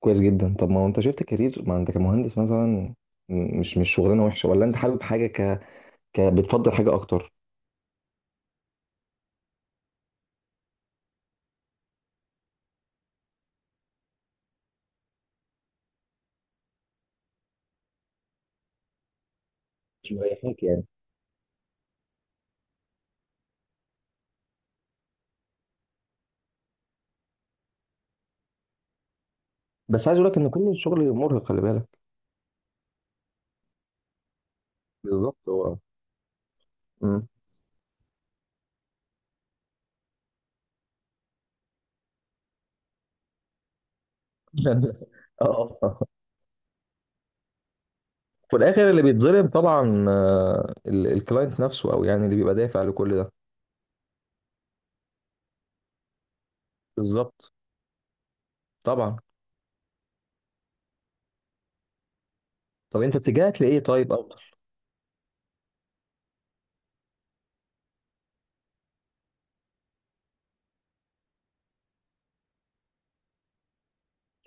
كويس جدا. طب ما هو انت شفت كارير، ما انت كمهندس مثلا، مش شغلانه وحشه، ولا انت حابب حاجه بتفضل حاجه اكتر؟ مش مريحاك يعني؟ بس عايز اقول لك ان كل الشغل مرهق، خلي بالك. بالظبط هو. مم. اه آه. في الاخر اللي بيتظلم طبعا، الكلاينت نفسه، او يعني اللي بيبقى دافع لكل ده. بالظبط. طبعا. طب انت اتجهت لايه طيب افضل؟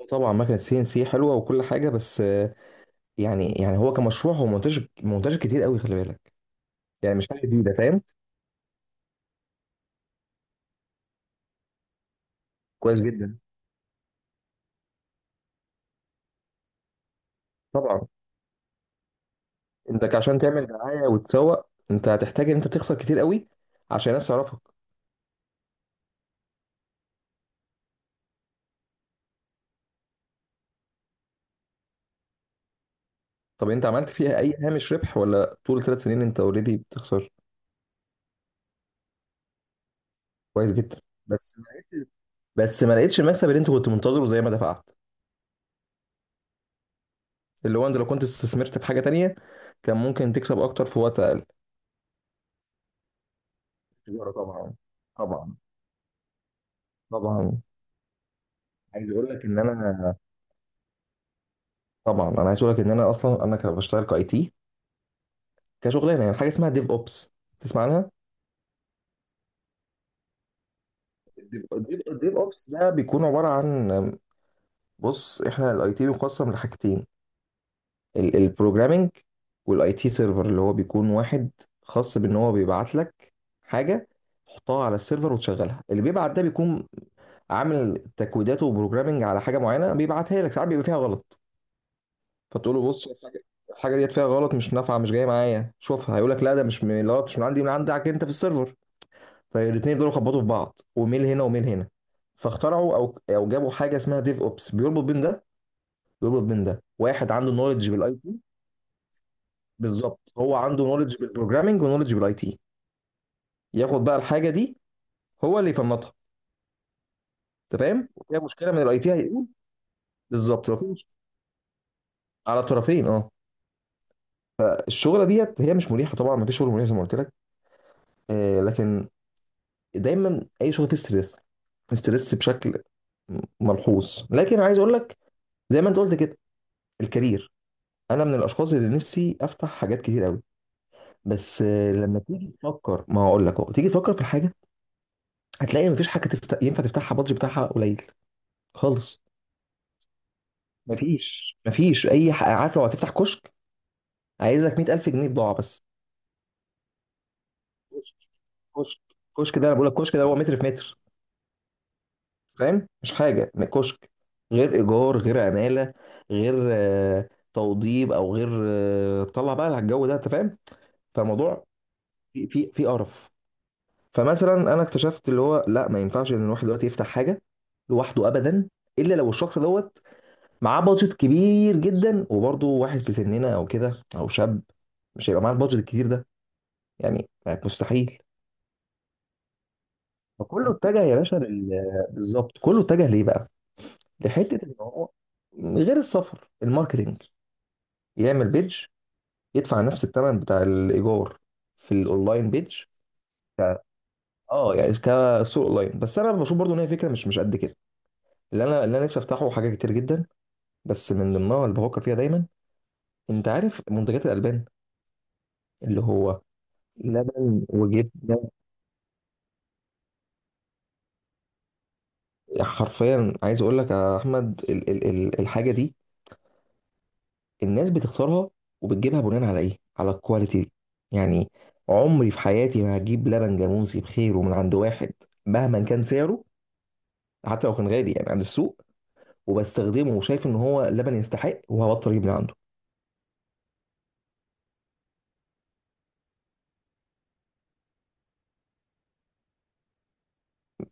طبعا مكنه سي ان سي حلوه وكل حاجه، بس يعني هو كمشروع هو منتشر منتشر كتير قوي، خلي بالك. يعني مش حاجه جديده، فاهم؟ كويس جدا. طبعا. انت عشان تعمل دعايه وتسوق، انت هتحتاج ان انت تخسر كتير قوي عشان الناس تعرفك. طب انت عملت فيها اي هامش ربح، ولا طول 3 سنين انت اوريدي بتخسر؟ كويس جدا. بس ما لقيتش- بس ما لقيتش المكسب اللي انت كنت منتظره زي ما دفعت. اللي هو انت لو كنت استثمرت في حاجه تانية، كان ممكن تكسب اكتر في وقت اقل. تجارة طبعا. طبعا. طبعا عايز اقول لك ان انا طبعا انا عايز اقول لك ان انا اصلا كان بشتغل كاي تي، كشغلانه، يعني حاجه اسمها ديف اوبس، تسمع عنها؟ الديف أوبس ده بيكون عبارة عن، بص احنا الاي تي بيقسم لحاجتين: البروجرامنج والاي تي سيرفر، اللي هو بيكون واحد خاص بان هو بيبعت لك حاجه تحطها على السيرفر وتشغلها. اللي بيبعت ده بيكون عامل تكويداته وبروجرامنج على حاجه معينه، بيبعتها لك ساعات بيبقى فيها غلط. فتقول له بص، الحاجه ديت فيها غلط، مش نافعه، مش جايه معايا، شوفها. هيقول لك لا، ده مش من الغلط، مش من عندي، من عندك انت في السيرفر. فالاثنين يفضلوا يخبطوا في بعض، وميل هنا وميل هنا. فاخترعوا او جابوا حاجه اسمها ديف اوبس بيربط بين ده، يربط بين ده، واحد عنده نولج بالاي تي. بالظبط، هو عنده نولج بالبروجرامنج ونولج بالاي تي، ياخد بقى الحاجه دي، هو اللي يفنطها. انت فاهم، وفيها مشكله من الاي تي هيقول. بالظبط، لو في مش- على طرفين اه. الشغله ديت هي مش مريحه طبعا، ما فيش شغل مريح زي ما قلت لك. آه، لكن دايما اي شغل فيه ستريس، ستريس بشكل ملحوظ، لكن عايز اقول لك، زي ما انت قلت كده، الكارير، انا من الاشخاص اللي نفسي افتح حاجات كتير قوي. بس لما تيجي تفكر، ما هقول لك اهو، تيجي تفكر في الحاجه، هتلاقي مفيش حاجه ينفع تفتحها بادج بتاعها قليل. خالص. مفيش اي حاجه. عارف لو هتفتح كشك، عايز لك 100000 جنيه بضاعه بس. كشك كشك كشك ده انا بقول لك، كشك ده هو متر في متر، فاهم، مش حاجه كشك. غير ايجار، غير عماله، غير توضيب، او غير طلع بقى على الجو ده، انت فاهم. فالموضوع في قرف. فمثلا انا اكتشفت اللي هو لا، ما ينفعش ان الواحد دلوقتي يفتح حاجه لوحده ابدا، الا لو الشخص دوت معاه بادجت كبير جدا، وبرضه واحد في سننا او كده او شاب، مش هيبقى معاه البادجت الكتير ده، يعني مستحيل. فكله اتجه يا باشا لل، بالظبط، كله اتجه ليه بقى؟ لحته ان هو، غير السفر، الماركتينج، يعمل بيدج، يدفع نفس الثمن بتاع الايجار في الاونلاين، بيدج. ك- اه يعني كسوق اونلاين، بس انا بشوف برضو ان هي فكره مش قد كده. اللي انا نفسي افتحه حاجه كتير جدا، بس من ضمنها اللي بفكر فيها دايما، انت عارف منتجات الالبان اللي هو لبن وجبنه. حرفيا عايز اقول لك يا احمد، ال ال ال الحاجه دي الناس بتختارها وبتجيبها بناء على ايه؟ على الكواليتي يعني. عمري في حياتي ما هجيب لبن جاموسي بخيره من عند واحد مهما كان سعره، حتى لو كان غالي يعني عند السوق، وبستخدمه وشايف ان هو لبن يستحق، وهبطل اجيب من عنده.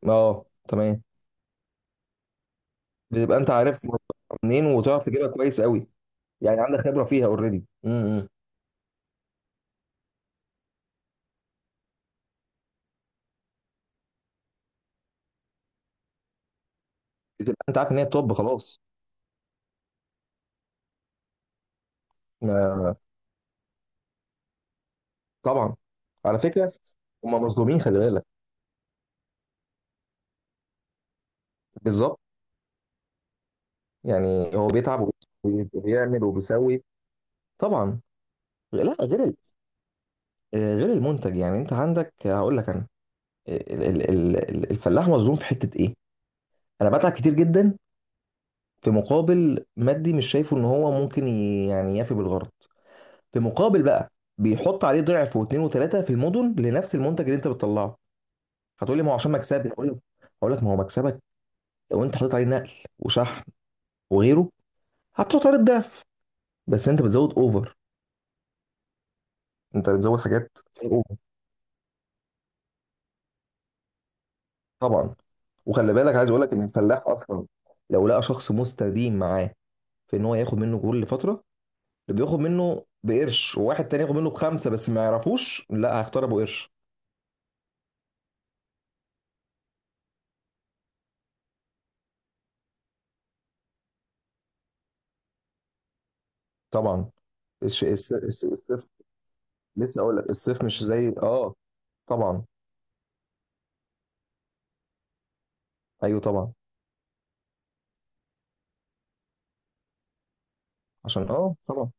اه تمام. بتبقى انت عارف منين، وتعرف تجيبها كويس قوي، يعني عندك خبره فيها اوريدي. بتبقى انت عارف ان هي توب خلاص. طبعا. على فكره، هم مظلومين، خلي بالك. بالظبط. يعني هو بيتعب وبيعمل وبيسوي. طبعا. لا غير غير المنتج، يعني انت عندك، هقول لك انا، الفلاح مظلوم في حته ايه. انا بتعب كتير جدا في مقابل مادي مش شايفه ان هو ممكن يعني يفي بالغرض. في مقابل بقى بيحط عليه ضعف واثنين وثلاثه في المدن لنفس المنتج اللي انت بتطلعه. هتقول لي ما هو عشان مكسبي، هقول لك، ما هو مكسبك، لو انت حطيت عليه نقل وشحن وغيره، هتحط عليه الضعف، بس انت بتزود اوفر، انت بتزود حاجات اوفر. طبعا. وخلي بالك عايز اقول لك ان الفلاح اصلا، لو لقى شخص مستديم معاه، في ان هو ياخد منه جول لفتره، اللي بياخد منه بقرش وواحد تاني ياخد منه بخمسه بس ما يعرفوش، لا هيختار ابو قرش. طبعا. الصيف، لسه اقول لك، الصيف مش زي اه طبعا. ايوه طبعا. عشان طبعا.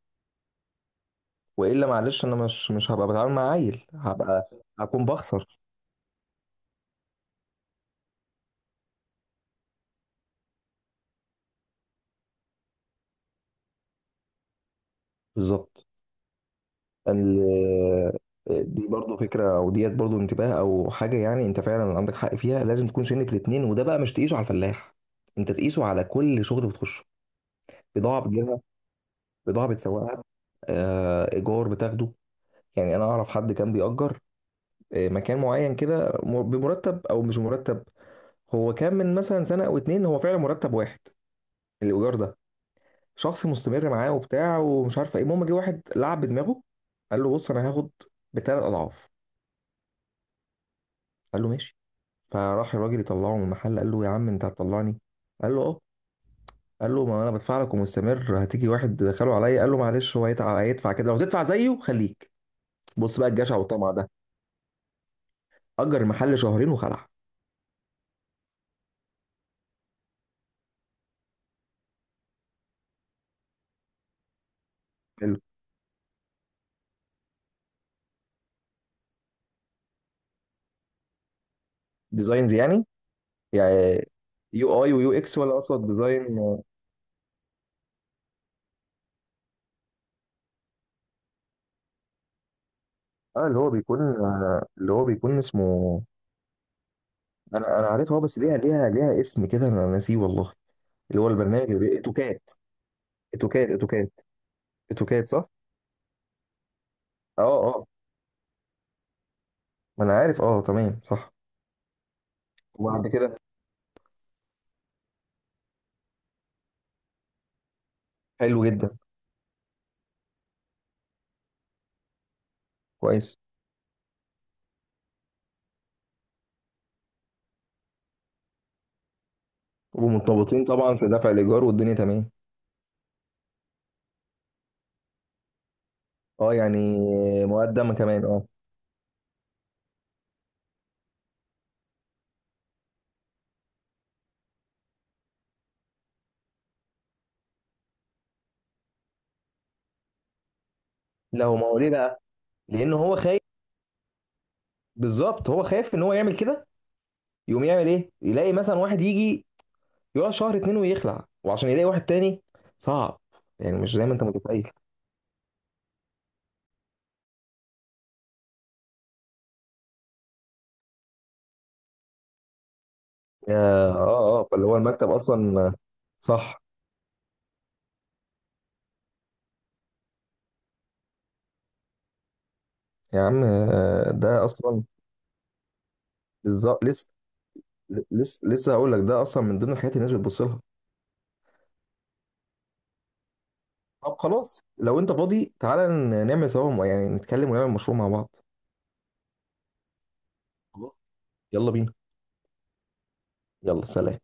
والا معلش انا مش هبقى بتعامل مع عيل، هبقى هكون بخسر. بالظبط يعني. دي برضو فكره او ديت برضو انتباه او حاجه، يعني انت فعلا عندك حق فيها، لازم تكون شايف الاثنين، وده بقى مش تقيسه على الفلاح، انت تقيسه على كل شغل بتخشه. بضاعه بتجيبها، بضاعه بتسوقها، ايجار بتاخده. يعني انا اعرف حد كان بيأجر مكان معين كده، بمرتب او مش مرتب. هو كان من مثلا سنه او اتنين هو فعلا مرتب واحد الايجار ده، شخص مستمر معاه وبتاع ومش عارفه ايه، المهم جه واحد لعب بدماغه، قال له بص انا هاخد بثلاث اضعاف. قال له ماشي. فراح الراجل يطلعه من المحل، قال له يا عم انت هتطلعني؟ قال له اه. قال له ما انا بدفع لك ومستمر، هتيجي واحد دخله عليا. قال له معلش، هو هيدفع كده، لو تدفع زيه خليك. بص بقى الجشع والطمع ده، اجر المحل شهرين وخلع. حلو. ديزاينز يعني؟ يعني يو اي ويو اكس، ولا اقصد ديزاين؟ اللي هو بيكون اسمه، انا عارفها اه، بس ليها اسم كده انا ناسيه والله. اللي هو البرنامج اتوكات. اتوكات. اتوكات صح؟ اه اه، ما انا عارف اه، تمام صح. وبعد كده. حلو جدا. كويس. ومرتبطين طبعا في دفع الايجار والدنيا تمام. اه يعني. مقدم كمان اه. لا هو، ما هو ليه بقى؟ لان هو خايف. بالظبط، هو خايف ان هو يعمل كده، يقوم يعمل ايه، يلاقي مثلا واحد يجي يقعد شهر اتنين ويخلع، وعشان يلاقي واحد تاني صعب. يعني مش زي ما انت متخيل. اه. اه، فاللي هو المكتب اصلا. صح. يا عم، ده اصلا. بالظبط لسه. لسه هقول لك ده اصلا من ضمن الحاجات اللي الناس بتبص لها. طب خلاص، لو انت فاضي تعالى نعمل سوا، يعني نتكلم ونعمل مشروع مع بعض. خلاص، يلا بينا. يلا سلام.